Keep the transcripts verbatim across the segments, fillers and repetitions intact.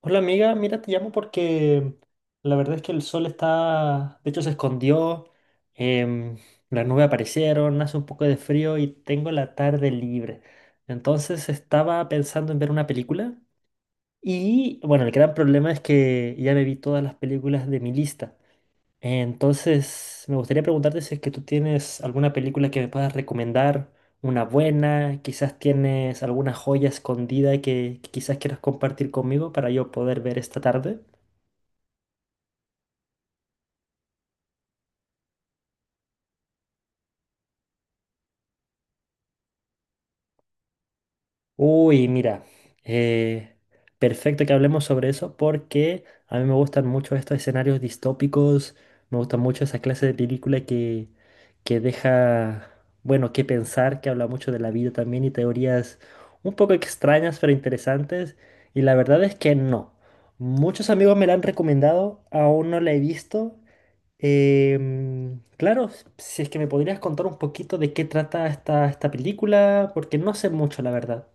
Hola amiga, mira, te llamo porque la verdad es que el sol está, de hecho se escondió, em, las nubes aparecieron, hace un poco de frío y tengo la tarde libre. Entonces estaba pensando en ver una película y bueno, el gran problema es que ya me vi todas las películas de mi lista. Entonces, me gustaría preguntarte si es que tú tienes alguna película que me puedas recomendar, una buena, quizás tienes alguna joya escondida que, que quizás quieras compartir conmigo para yo poder ver esta tarde. Uy, mira, eh, perfecto que hablemos sobre eso porque a mí me gustan mucho estos escenarios distópicos, me gustan mucho esa clase de película que, que deja, bueno, que pensar, que habla mucho de la vida también y teorías un poco extrañas pero interesantes. Y la verdad es que no. Muchos amigos me la han recomendado, aún no la he visto. Em, claro, s- si es que me podrías contar un poquito de qué trata esta, esta película, porque no sé mucho, la verdad.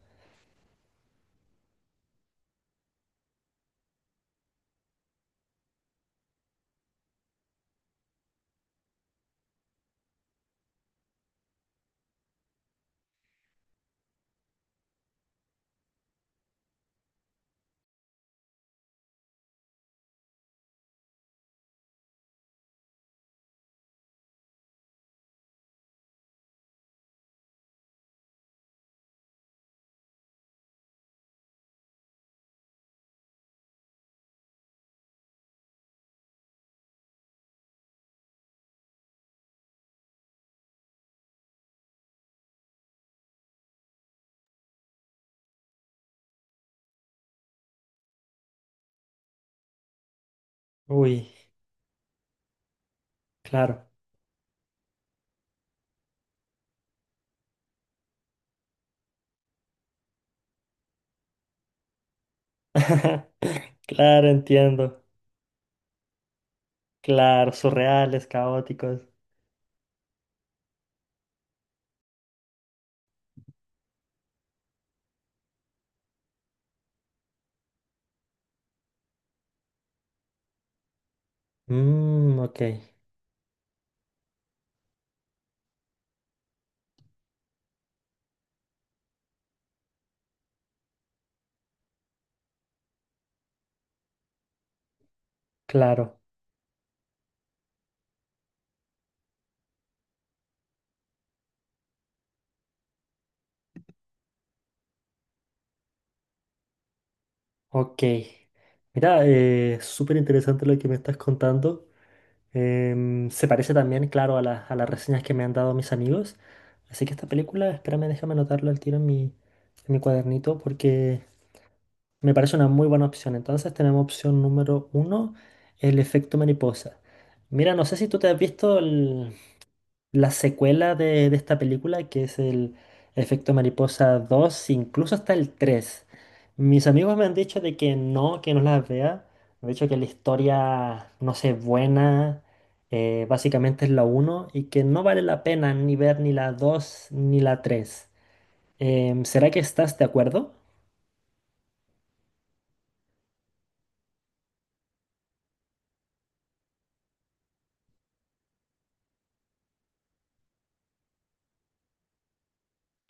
Uy, claro. Claro, entiendo. Claro, surreales, caóticos. Mm, ok, claro, ok. Mira, eh, súper interesante lo que me estás contando. Em, se parece también, claro, a, la- a las reseñas que me han dado mis amigos. Así que esta película, espérame, déjame anotarlo al tiro en mi, en mi cuadernito porque me parece una muy buena opción. Entonces tenemos opción número uno, el efecto mariposa. Mira, no sé si tú te has visto la secuela de, de esta película, que es el Efecto Mariposa dos, incluso hasta el tres. Mis amigos me han dicho de que no, que no las vea. Me han dicho que la historia no sé, buena, eh, básicamente es la uno y que no vale la pena ni ver ni la dos ni la tres. Em, ¿será que estás de acuerdo?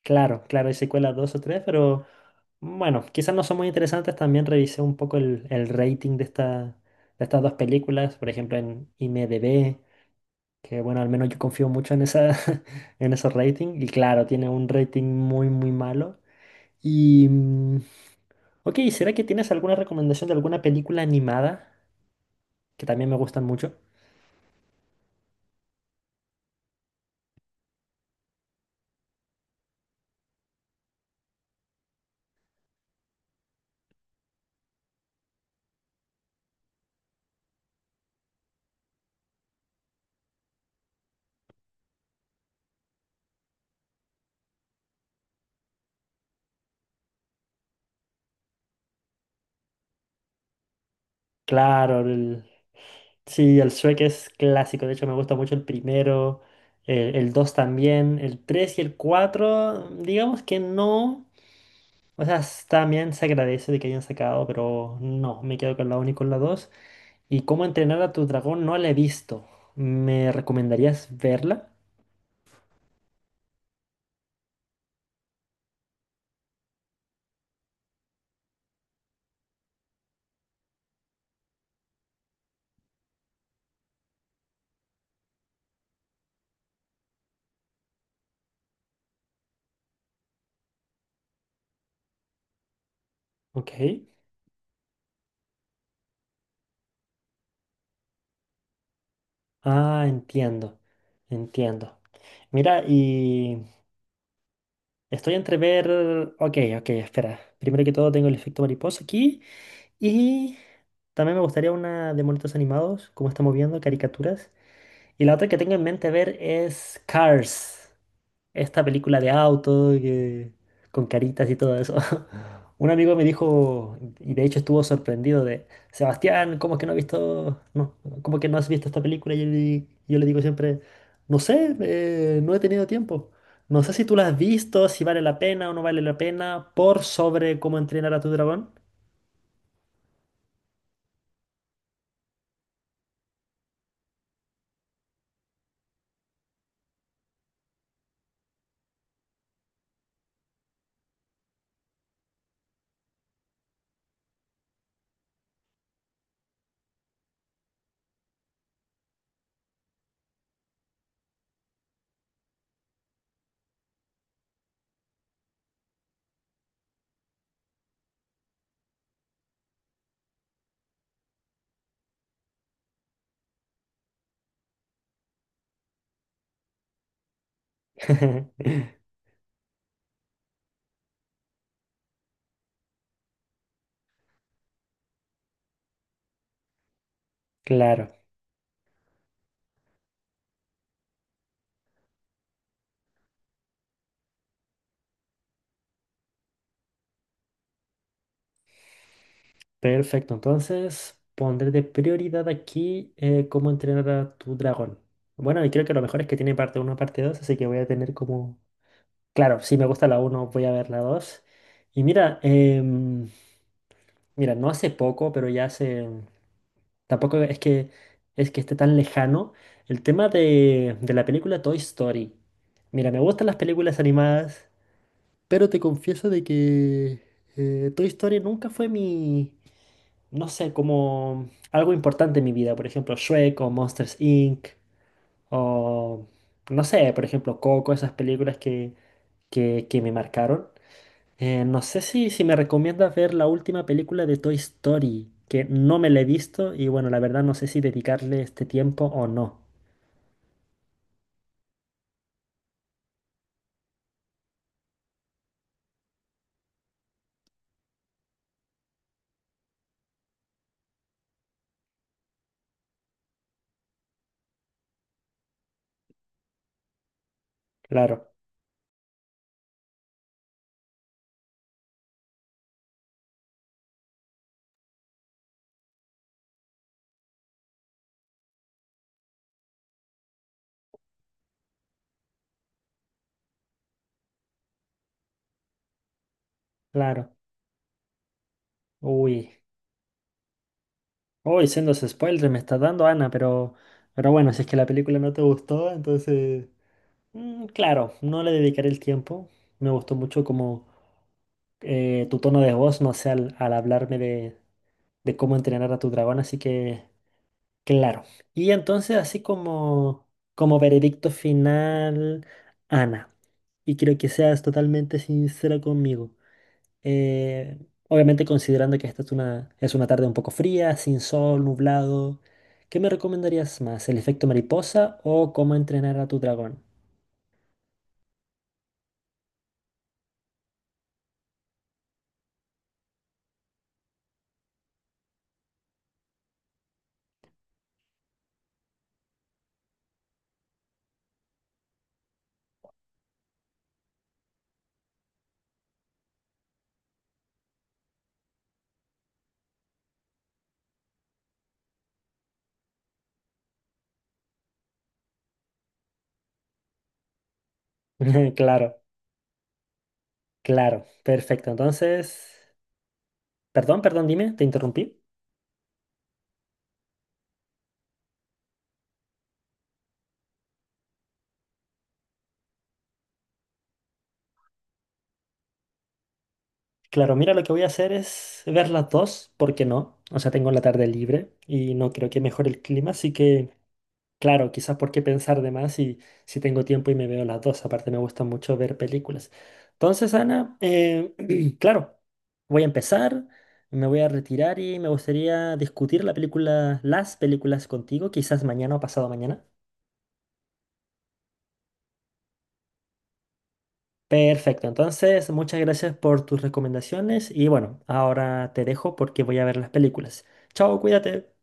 Claro, claro, hay secuelas dos o tres, pero bueno, quizás no son muy interesantes. También revisé un poco el, el rating de, esta, de estas dos películas, por ejemplo en IMDb, que bueno, al menos yo confío mucho en esa, en esos ratings. Y claro, tiene un rating muy, muy malo. Y, mm, ok, ¿será que tienes alguna recomendación de alguna película animada? Que también me gustan mucho. Claro, sí, el Shrek es clásico, de hecho me gusta mucho el primero, eh, el dos también, el tres y el cuatro. Digamos que no, o sea, s- también se agradece de que hayan sacado, pero no, me quedo con la uno y con la dos. Y cómo entrenar a tu dragón no la he visto, ¿me recomendarías verla? Ok, ah, entiendo, entiendo. Mira, y estoy entre ver, ok, ok, espera, primero que todo tengo el efecto mariposa aquí. Y también me gustaría una de monitos animados, como estamos viendo, caricaturas. Y la otra que tengo en mente ver es Cars, esta película de auto que- con caritas y todo eso. Un amigo me dijo, y de hecho estuvo sorprendido de, Sebastián, ¿cómo es que no has visto, no, cómo que no has visto esta película? Y, él- yo le digo siempre, no sé, eh, no he tenido tiempo. No sé si tú la has visto, si vale la pena o no vale la pena, por sobre cómo entrenar a tu dragón. Claro, perfecto. Entonces pondré de prioridad aquí eh, cómo entrenar a tu dragón. Bueno, y creo que lo mejor es que tiene parte uno, parte dos, así que voy a tener como... Claro, si me gusta la uno, voy a ver la dos. Y mira, em, mira, no hace poco, pero ya hace... Tampoco es que, es que esté tan lejano. El tema de, de la película Toy Story. Mira, me gustan las películas animadas, pero te confieso de que eh, Toy Story nunca fue mi... no sé, como algo importante en mi vida, por ejemplo, Shrek o Monsters inc o no sé, por ejemplo, Coco, esas películas que, que, que me marcaron. Eh, no sé si, si me recomiendas ver la última película de Toy Story, que no me la he visto y bueno, la verdad no sé si dedicarle este tiempo o no. Claro, claro. Uy, uy, siendo ese spoiler me está dando Ana, pero, pero bueno, si es que la película no te gustó, entonces... Mm, claro, no le dedicaré el tiempo. Me gustó mucho como eh, tu tono de voz, no sé, al, al hablarme de, de cómo entrenar a tu dragón, así que claro. Y entonces, así como, como veredicto final, Ana, y quiero que seas totalmente sincera conmigo. eh, obviamente considerando que esta es una, es una tarde un poco fría, sin sol, nublado, ¿qué me recomendarías más, el efecto mariposa o cómo entrenar a tu dragón? Claro. Claro, perfecto. Entonces, perdón, perdón, dime, te interrumpí. Claro, mira, lo que voy a hacer es ver las dos, ¿por qué no? O sea, tengo la tarde libre y no creo que mejore el clima, así que, claro, quizás por qué pensar de más si, si tengo tiempo y me veo las dos. Aparte, me gusta mucho ver películas. Entonces, Ana, eh, claro, voy a empezar, me voy a retirar y me gustaría discutir la película, las películas contigo, quizás mañana o pasado mañana. Perfecto, entonces muchas gracias por tus recomendaciones y bueno, ahora te dejo porque voy a ver las películas. Chao, cuídate.